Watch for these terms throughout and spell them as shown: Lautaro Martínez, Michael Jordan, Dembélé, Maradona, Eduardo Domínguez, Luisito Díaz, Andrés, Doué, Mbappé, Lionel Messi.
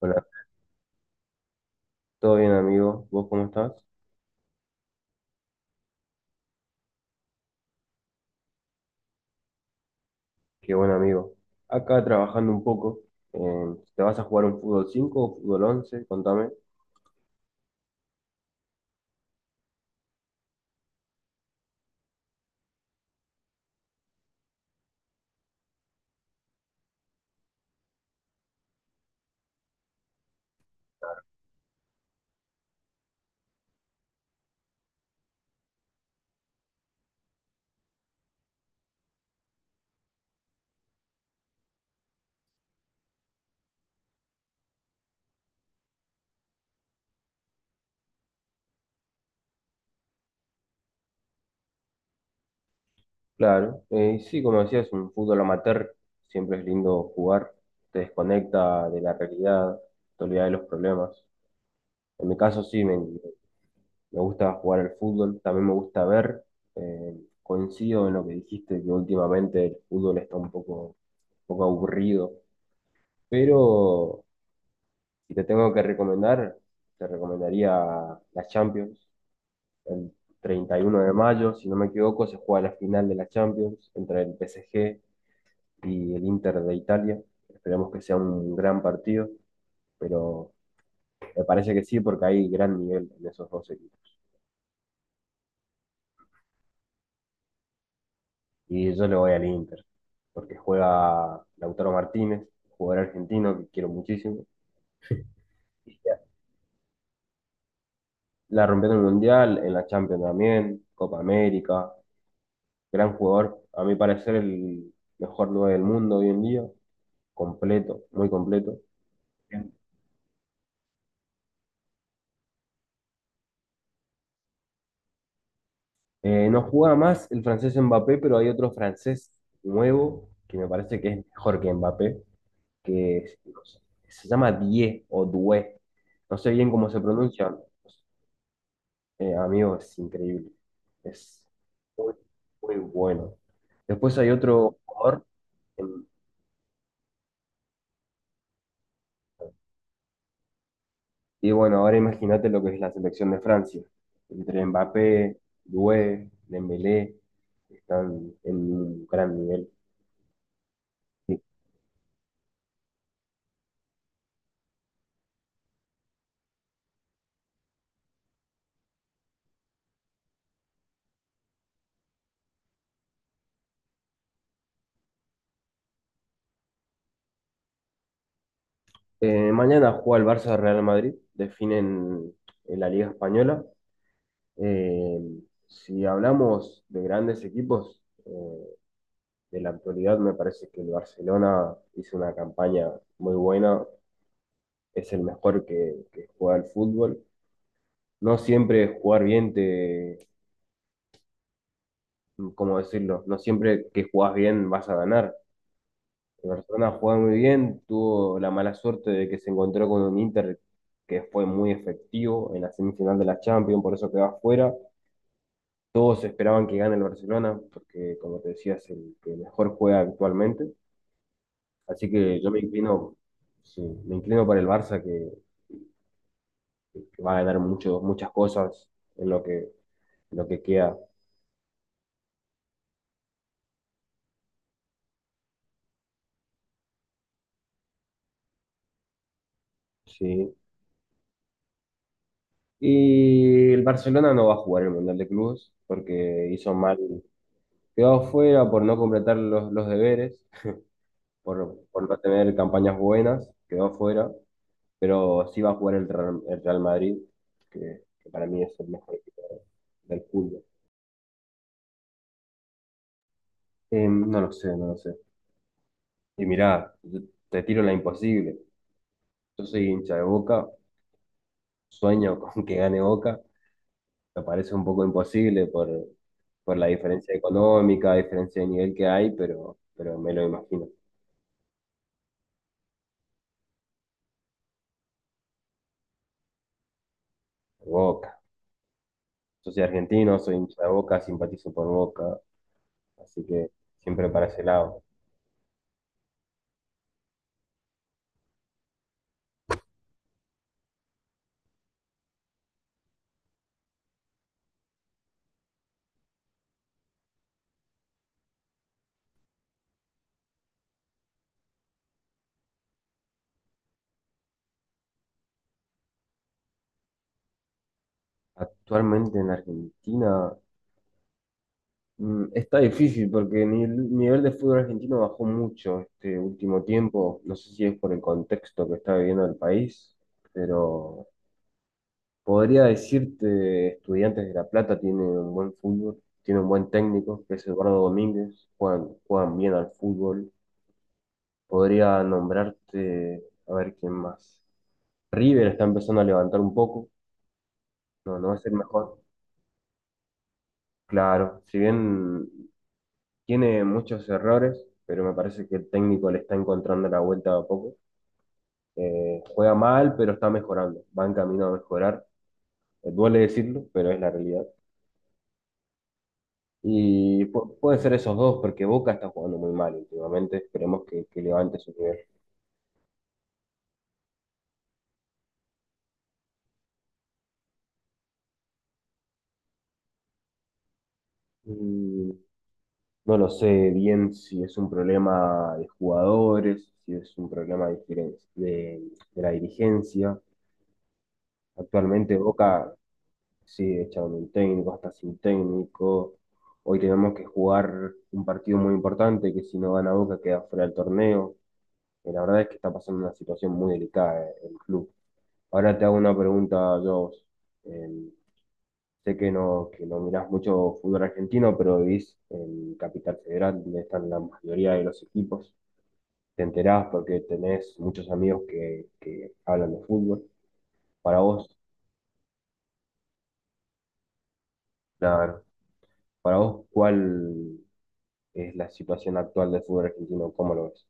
Hola, ¿todo bien amigo? ¿Vos cómo estás? Qué buen amigo. Acá trabajando un poco. ¿Te vas a jugar un fútbol 5 o fútbol once? Contame. Claro. Sí, como decías, un fútbol amateur siempre es lindo jugar. Te desconecta de la realidad, te olvida de los problemas. En mi caso sí, me gusta jugar al fútbol, también me gusta ver. Coincido en lo que dijiste, que últimamente el fútbol está un poco aburrido. Pero si te tengo que recomendar, te recomendaría la Champions. El 31 de mayo, si no me equivoco, se juega la final de la Champions entre el PSG y el Inter de Italia. Esperemos que sea un gran partido, pero me parece que sí, porque hay gran nivel en esos dos equipos. Y yo le voy al Inter, porque juega Lautaro Martínez, jugador argentino que quiero muchísimo. Y la rompió en el Mundial, en la Champions también, Copa América. Gran jugador, a mi parecer el mejor 9 del mundo hoy en día, completo, muy completo. Bien. No juega más el francés Mbappé, pero hay otro francés nuevo que me parece que es mejor que Mbappé, no sé, se llama Die o Due. No sé bien cómo se pronuncia. Amigo, es increíble. Es muy, muy bueno. Después hay otro jugador en, Y bueno, ahora imagínate lo que es la selección de Francia. Entre Mbappé, Doué, Dembélé, están en un gran nivel. Sí. Mañana juega el Barça Real Madrid, definen en la Liga Española. Eh, si hablamos de grandes equipos, eh, de la actualidad me parece que el Barcelona hizo una campaña muy buena, es el mejor que juega al fútbol. No siempre jugar bien te ¿Cómo decirlo? No siempre que jugás bien vas a ganar. El Barcelona jugó muy bien, tuvo la mala suerte de que se encontró con un Inter que fue muy efectivo en la semifinal de la Champions, por eso quedó afuera. Todos esperaban que gane el Barcelona, porque como te decía, es el que mejor juega actualmente. Así que yo me inclino, sí, me inclino para el Barça, que va a ganar mucho, muchas cosas en lo que queda. Sí. Y el Barcelona no va a jugar el Mundial de Clubes porque hizo mal, quedó afuera por no completar los deberes, por no tener campañas buenas, quedó afuera, pero sí va a jugar el Real Madrid, que para mí es el mejor equipo del fútbol. No lo sé, no lo sé. Y mirá, yo te tiro la imposible. Yo soy hincha de Boca, sueño con que gane Boca, me parece un poco imposible por la diferencia económica, diferencia de nivel que hay, pero me lo imagino. Boca. Yo soy argentino, soy hincha de Boca, simpatizo por Boca, así que siempre para ese lado. Actualmente en Argentina está difícil porque ni el nivel de fútbol argentino bajó mucho este último tiempo. No sé si es por el contexto que está viviendo el país, pero podría decirte, Estudiantes de La Plata tiene un buen fútbol, tiene un buen técnico, que es Eduardo Domínguez, juegan bien al fútbol. Podría nombrarte, a ver quién más. River está empezando a levantar un poco, no es el mejor. Claro, si bien tiene muchos errores, pero me parece que el técnico le está encontrando la vuelta a poco. Juega mal, pero está mejorando, va en camino a mejorar. Duele decirlo, pero es la realidad. Y puede ser esos dos, porque Boca está jugando muy mal últimamente. Esperemos que levante su nivel. Mm, No lo sé bien si es un problema de jugadores, si es un problema de, de la dirigencia. Actualmente Boca sigue echaron un técnico, hasta sin técnico. Hoy tenemos que jugar un partido muy importante que si no gana Boca queda fuera del torneo. Y la verdad es que está pasando una situación muy delicada el club. Ahora te hago una pregunta, yo sé que no mirás mucho fútbol argentino, pero vivís en Capital Federal, donde están la mayoría de los equipos. Te enterás porque tenés muchos amigos que hablan de fútbol. Para vos, claro, para vos, ¿cuál es la situación actual del fútbol argentino? ¿Cómo lo ves?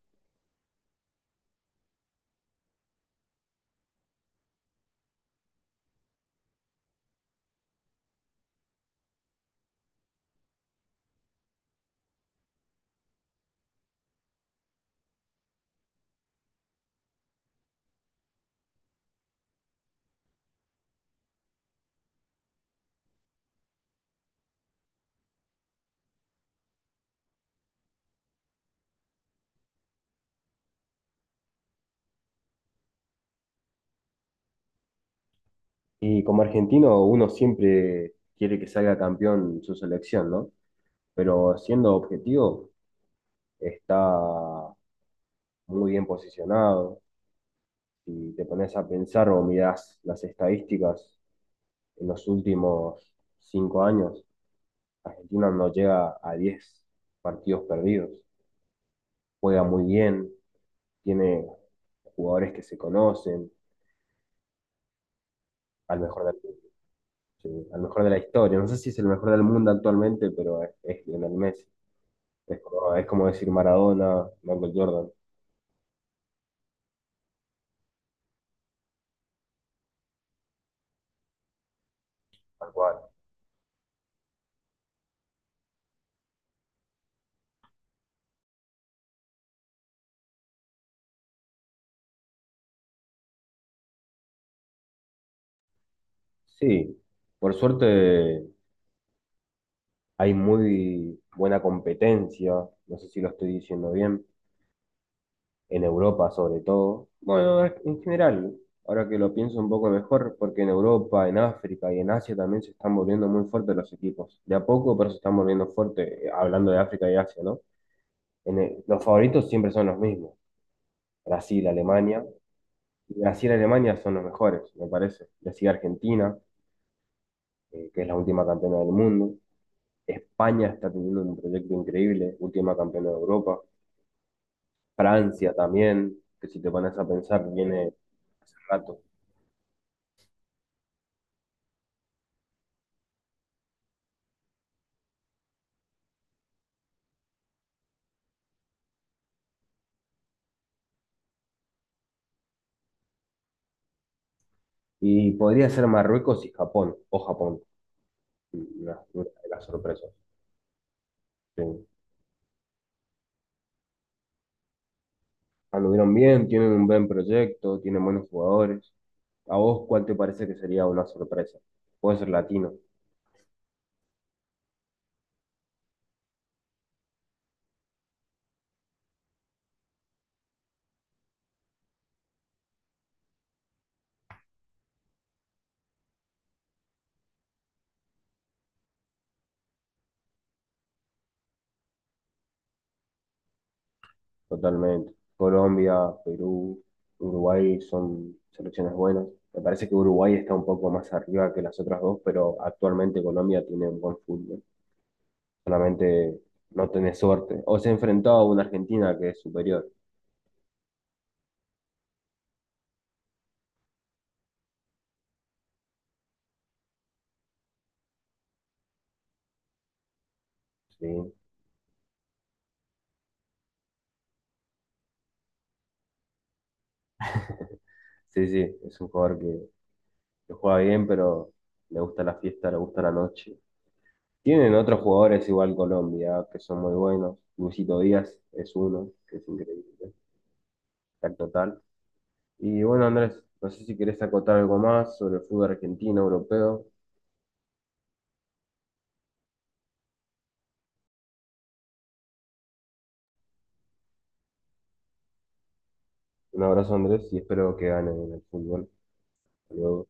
Y como argentino, uno siempre quiere que salga campeón su selección, ¿no? Pero siendo objetivo, está muy bien posicionado. Si te pones a pensar o mirás las estadísticas, en los últimos 5 años, Argentina no llega a 10 partidos perdidos. Juega muy bien, tiene jugadores que se conocen, al mejor del mundo, sí, al mejor de la historia. No sé si es el mejor del mundo actualmente, pero es Lionel Messi. Es como decir Maradona, Michael Jordan, tal cual. Sí, por suerte hay muy buena competencia, no sé si lo estoy diciendo bien, en Europa sobre todo. Bueno, en general, ahora que lo pienso un poco mejor, porque en Europa, en África y en Asia también se están volviendo muy fuertes los equipos. De a poco, pero se están volviendo fuertes, hablando de África y Asia, ¿no? Los favoritos siempre son los mismos, Brasil, Alemania. Y Brasil y Alemania son los mejores, me parece. Le sigue Argentina, que es la última campeona del mundo. España está teniendo un proyecto increíble, última campeona de Europa. Francia también, que si te pones a pensar, viene hace rato. Y podría ser Marruecos y Japón, o Japón, una de las sorpresas. Sí. Anduvieron bien, tienen un buen proyecto, tienen buenos jugadores. ¿A vos cuál te parece que sería una sorpresa? Puede ser latino, totalmente. Colombia, Perú, Uruguay son selecciones buenas. Me parece que Uruguay está un poco más arriba que las otras dos, pero actualmente Colombia tiene un buen fútbol. Solamente no tenés suerte. O se ha enfrentado a una Argentina que es superior. Sí, sí, sí, es un jugador que juega bien, pero le gusta la fiesta, le gusta la noche. Tienen otros jugadores igual Colombia, que son muy buenos. Luisito Díaz es uno, que es increíble, tal total. Y bueno, Andrés, no sé si querés acotar algo más sobre el fútbol argentino, europeo. Un abrazo, Andrés, y espero que gane el fútbol. Hasta luego.